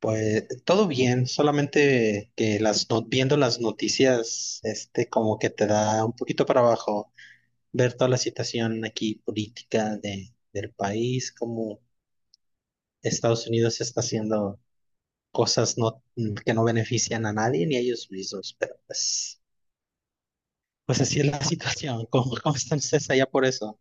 Pues todo bien, solamente que las viendo las noticias, este como que te da un poquito para abajo, ver toda la situación aquí política del país, como Estados Unidos está haciendo cosas no, que no benefician a nadie ni a ellos mismos, pero pues así es la situación. ¿Cómo están ustedes allá por eso?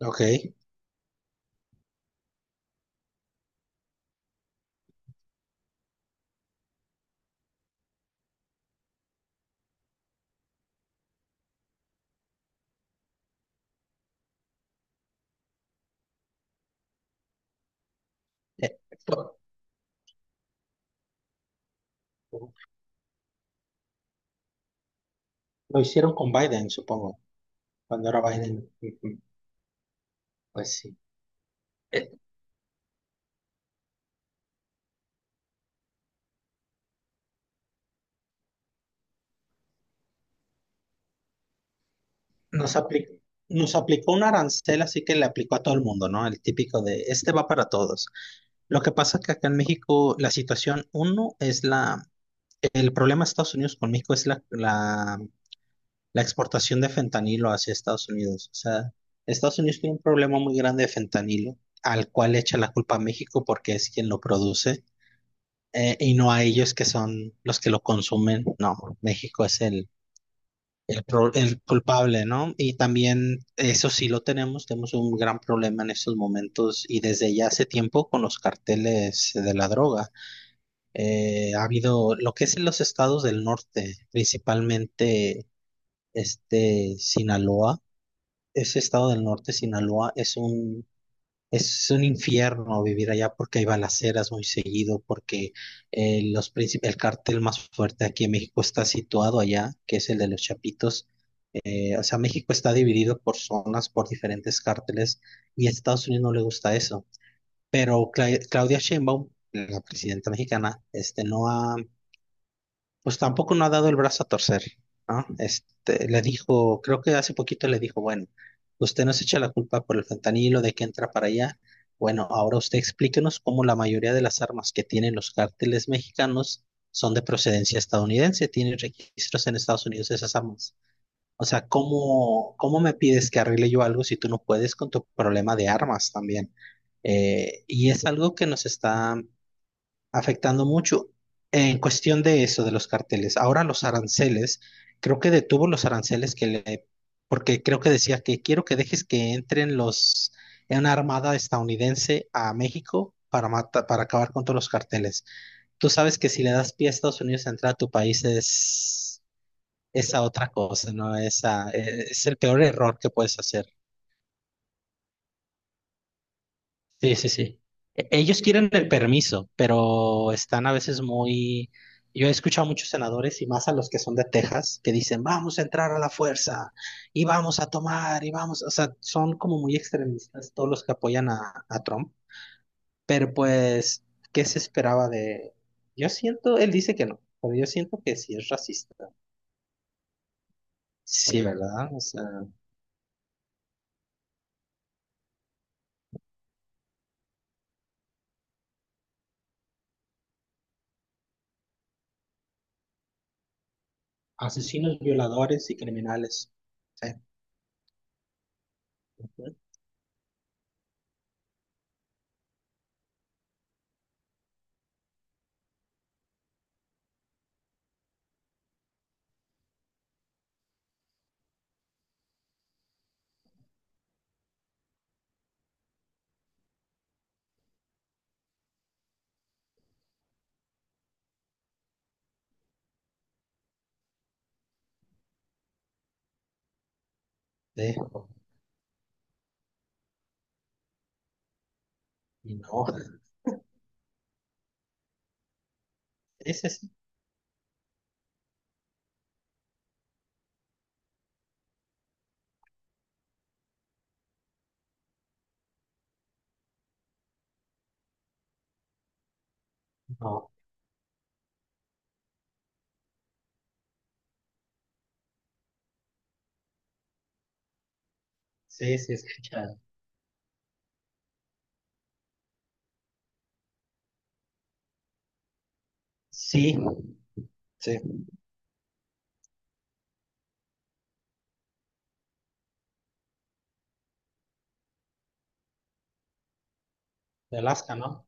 Ok. Lo hicieron con Biden, supongo, cuando era Biden. Ujú. Pues sí. Eh, nos aplicó, nos aplicó un arancel, así que le aplicó a todo el mundo, ¿no? El típico de, este va para todos. Lo que pasa es que acá en México la situación, uno, el problema de Estados Unidos con México es la exportación de fentanilo hacia Estados Unidos. O sea, Estados Unidos tiene un problema muy grande de fentanilo, al cual echa la culpa a México porque es quien lo produce. Y no a ellos que son los que lo consumen. No, México es el culpable, ¿no? Y también eso sí lo tenemos un gran problema en estos momentos y desde ya hace tiempo con los carteles de la droga. Ha habido lo que es en los estados del norte, principalmente este Sinaloa. Ese estado del norte, Sinaloa, es un infierno vivir allá porque hay balaceras muy seguido, porque el cartel más fuerte aquí en México está situado allá, que es el de los Chapitos. O sea, México está dividido por zonas, por diferentes cárteles, y a Estados Unidos no le gusta eso. Pero Claudia Sheinbaum, la presidenta mexicana, este, no ha pues tampoco no ha dado el brazo a torcer, ¿no? Este, le dijo, creo que hace poquito le dijo, bueno, usted nos echa la culpa por el fentanilo de que entra para allá. Bueno, ahora usted explíquenos cómo la mayoría de las armas que tienen los cárteles mexicanos son de procedencia estadounidense, tienen registros en Estados Unidos de esas armas. O sea, ¿cómo me pides que arregle yo algo si tú no puedes con tu problema de armas también? Y es algo que nos está afectando mucho en cuestión de eso, de los carteles. Ahora los aranceles, creo que detuvo los aranceles porque creo que decía que quiero que dejes que entren en una armada estadounidense a México para matar, para acabar con todos los carteles. Tú sabes que si le das pie a Estados Unidos a entrar a tu país es esa otra cosa, ¿no? Esa, es el peor error que puedes hacer. Sí, sí, sí. Ellos quieren el permiso, pero están a veces muy... Yo he escuchado a muchos senadores y más a los que son de Texas que dicen, vamos a entrar a la fuerza y vamos a tomar y vamos, o sea, son como muy extremistas todos los que apoyan a Trump, pero pues, ¿qué se esperaba de... Yo siento, él dice que no, pero yo siento que sí es racista. Sí, ¿verdad? O sea, asesinos, violadores y criminales. Sí, sí. Y no, ese sí. No. Sí, sí, escuchado. Sí, sí, de Alaska, ¿no?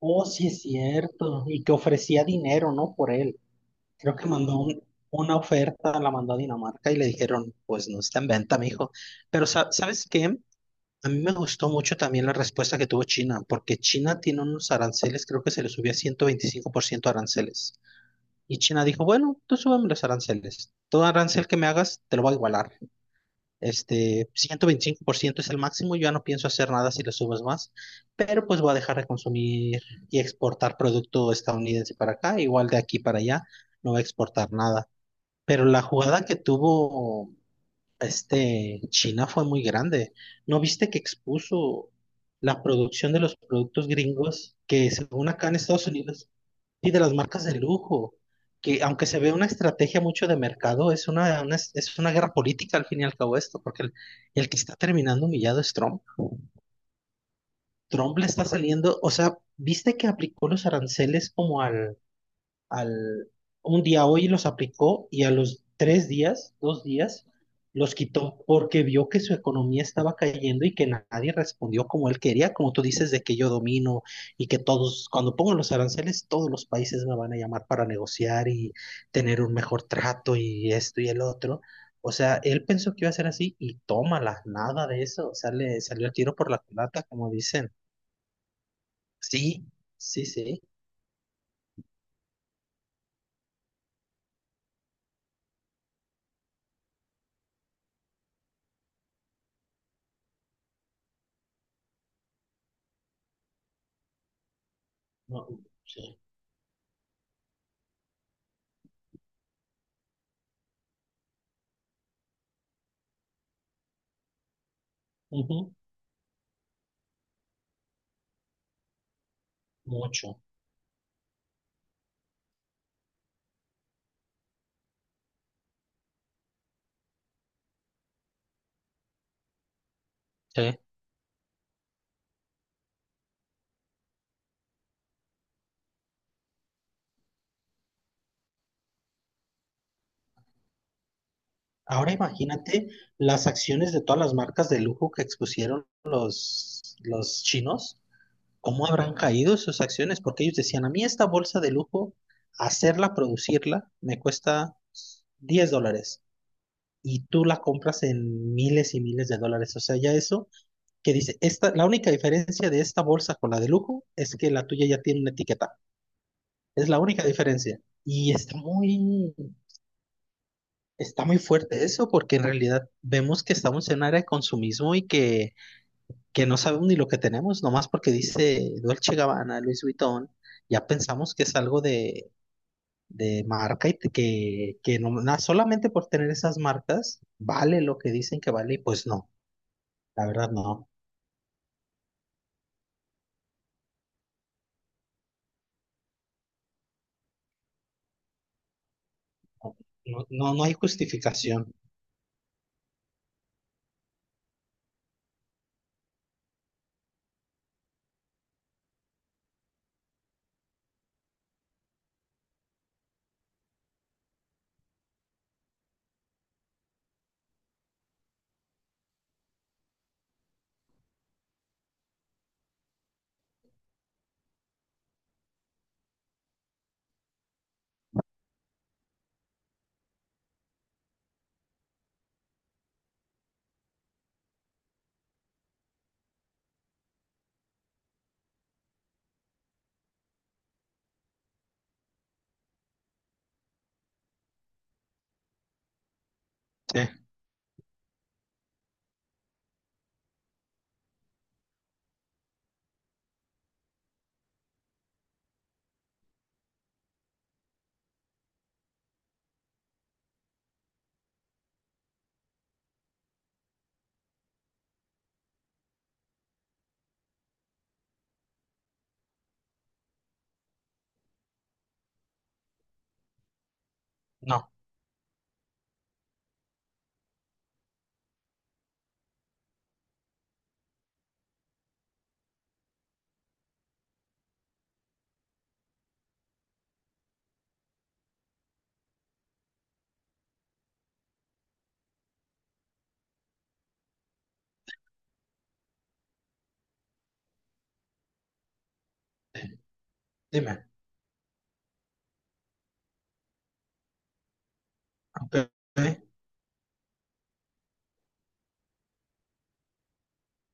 Oh, sí, es cierto. Y que ofrecía dinero, ¿no? Por él. Creo que mandó una oferta, la mandó a Dinamarca y le dijeron, pues no está en venta, mijo. Pero, ¿sabes qué? A mí me gustó mucho también la respuesta que tuvo China, porque China tiene unos aranceles, creo que se le subía 125% aranceles. Y China dijo, bueno, tú súbeme los aranceles. Todo arancel que me hagas, te lo voy a igualar. Este, 125% es el máximo, yo ya no pienso hacer nada si le subes más, pero pues voy a dejar de consumir y exportar producto estadounidense para acá, igual de aquí para allá, no voy a exportar nada. Pero la jugada que tuvo este China fue muy grande. ¿No viste que expuso la producción de los productos gringos que según acá en Estados Unidos y de las marcas de lujo, que aunque se ve una estrategia mucho de mercado, es una guerra política al fin y al cabo esto, porque el que está terminando humillado es Trump. Trump le está saliendo, o sea, ¿viste que aplicó los aranceles como al un día hoy los aplicó y a los 3 días, 2 días, los quitó porque vio que su economía estaba cayendo y que nadie respondió como él quería, como tú dices, de que yo domino y que todos, cuando pongo los aranceles, todos los países me van a llamar para negociar y tener un mejor trato y esto y el otro. O sea, él pensó que iba a ser así y tómala, nada de eso. O sea, le salió el tiro por la culata, como dicen. Sí, sí, sí. No, sí. Ujú. Mucho. Sí. Ahora imagínate las acciones de todas las marcas de lujo que expusieron los chinos, cómo habrán caído sus acciones, porque ellos decían, a mí esta bolsa de lujo, hacerla, producirla, me cuesta $10 y tú la compras en miles y miles de dólares. O sea, ya eso que dice, esta, la única diferencia de esta bolsa con la de lujo es que la tuya ya tiene una etiqueta. Es la única diferencia. Y está muy, está muy fuerte eso, porque en realidad vemos que estamos en un área de consumismo y que, no sabemos ni lo que tenemos, nomás porque dice Dolce Gabbana, Louis Vuitton, ya pensamos que es algo de marca y que no, solamente por tener esas marcas vale lo que dicen que vale, y pues no, la verdad no, no, no, no hay justificación. Sí, no, sí. Dime. Ok,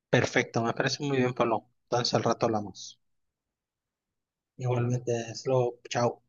perfecto, me parece muy bien, Pablo. Entonces al rato hablamos. Igualmente, Slow, chao.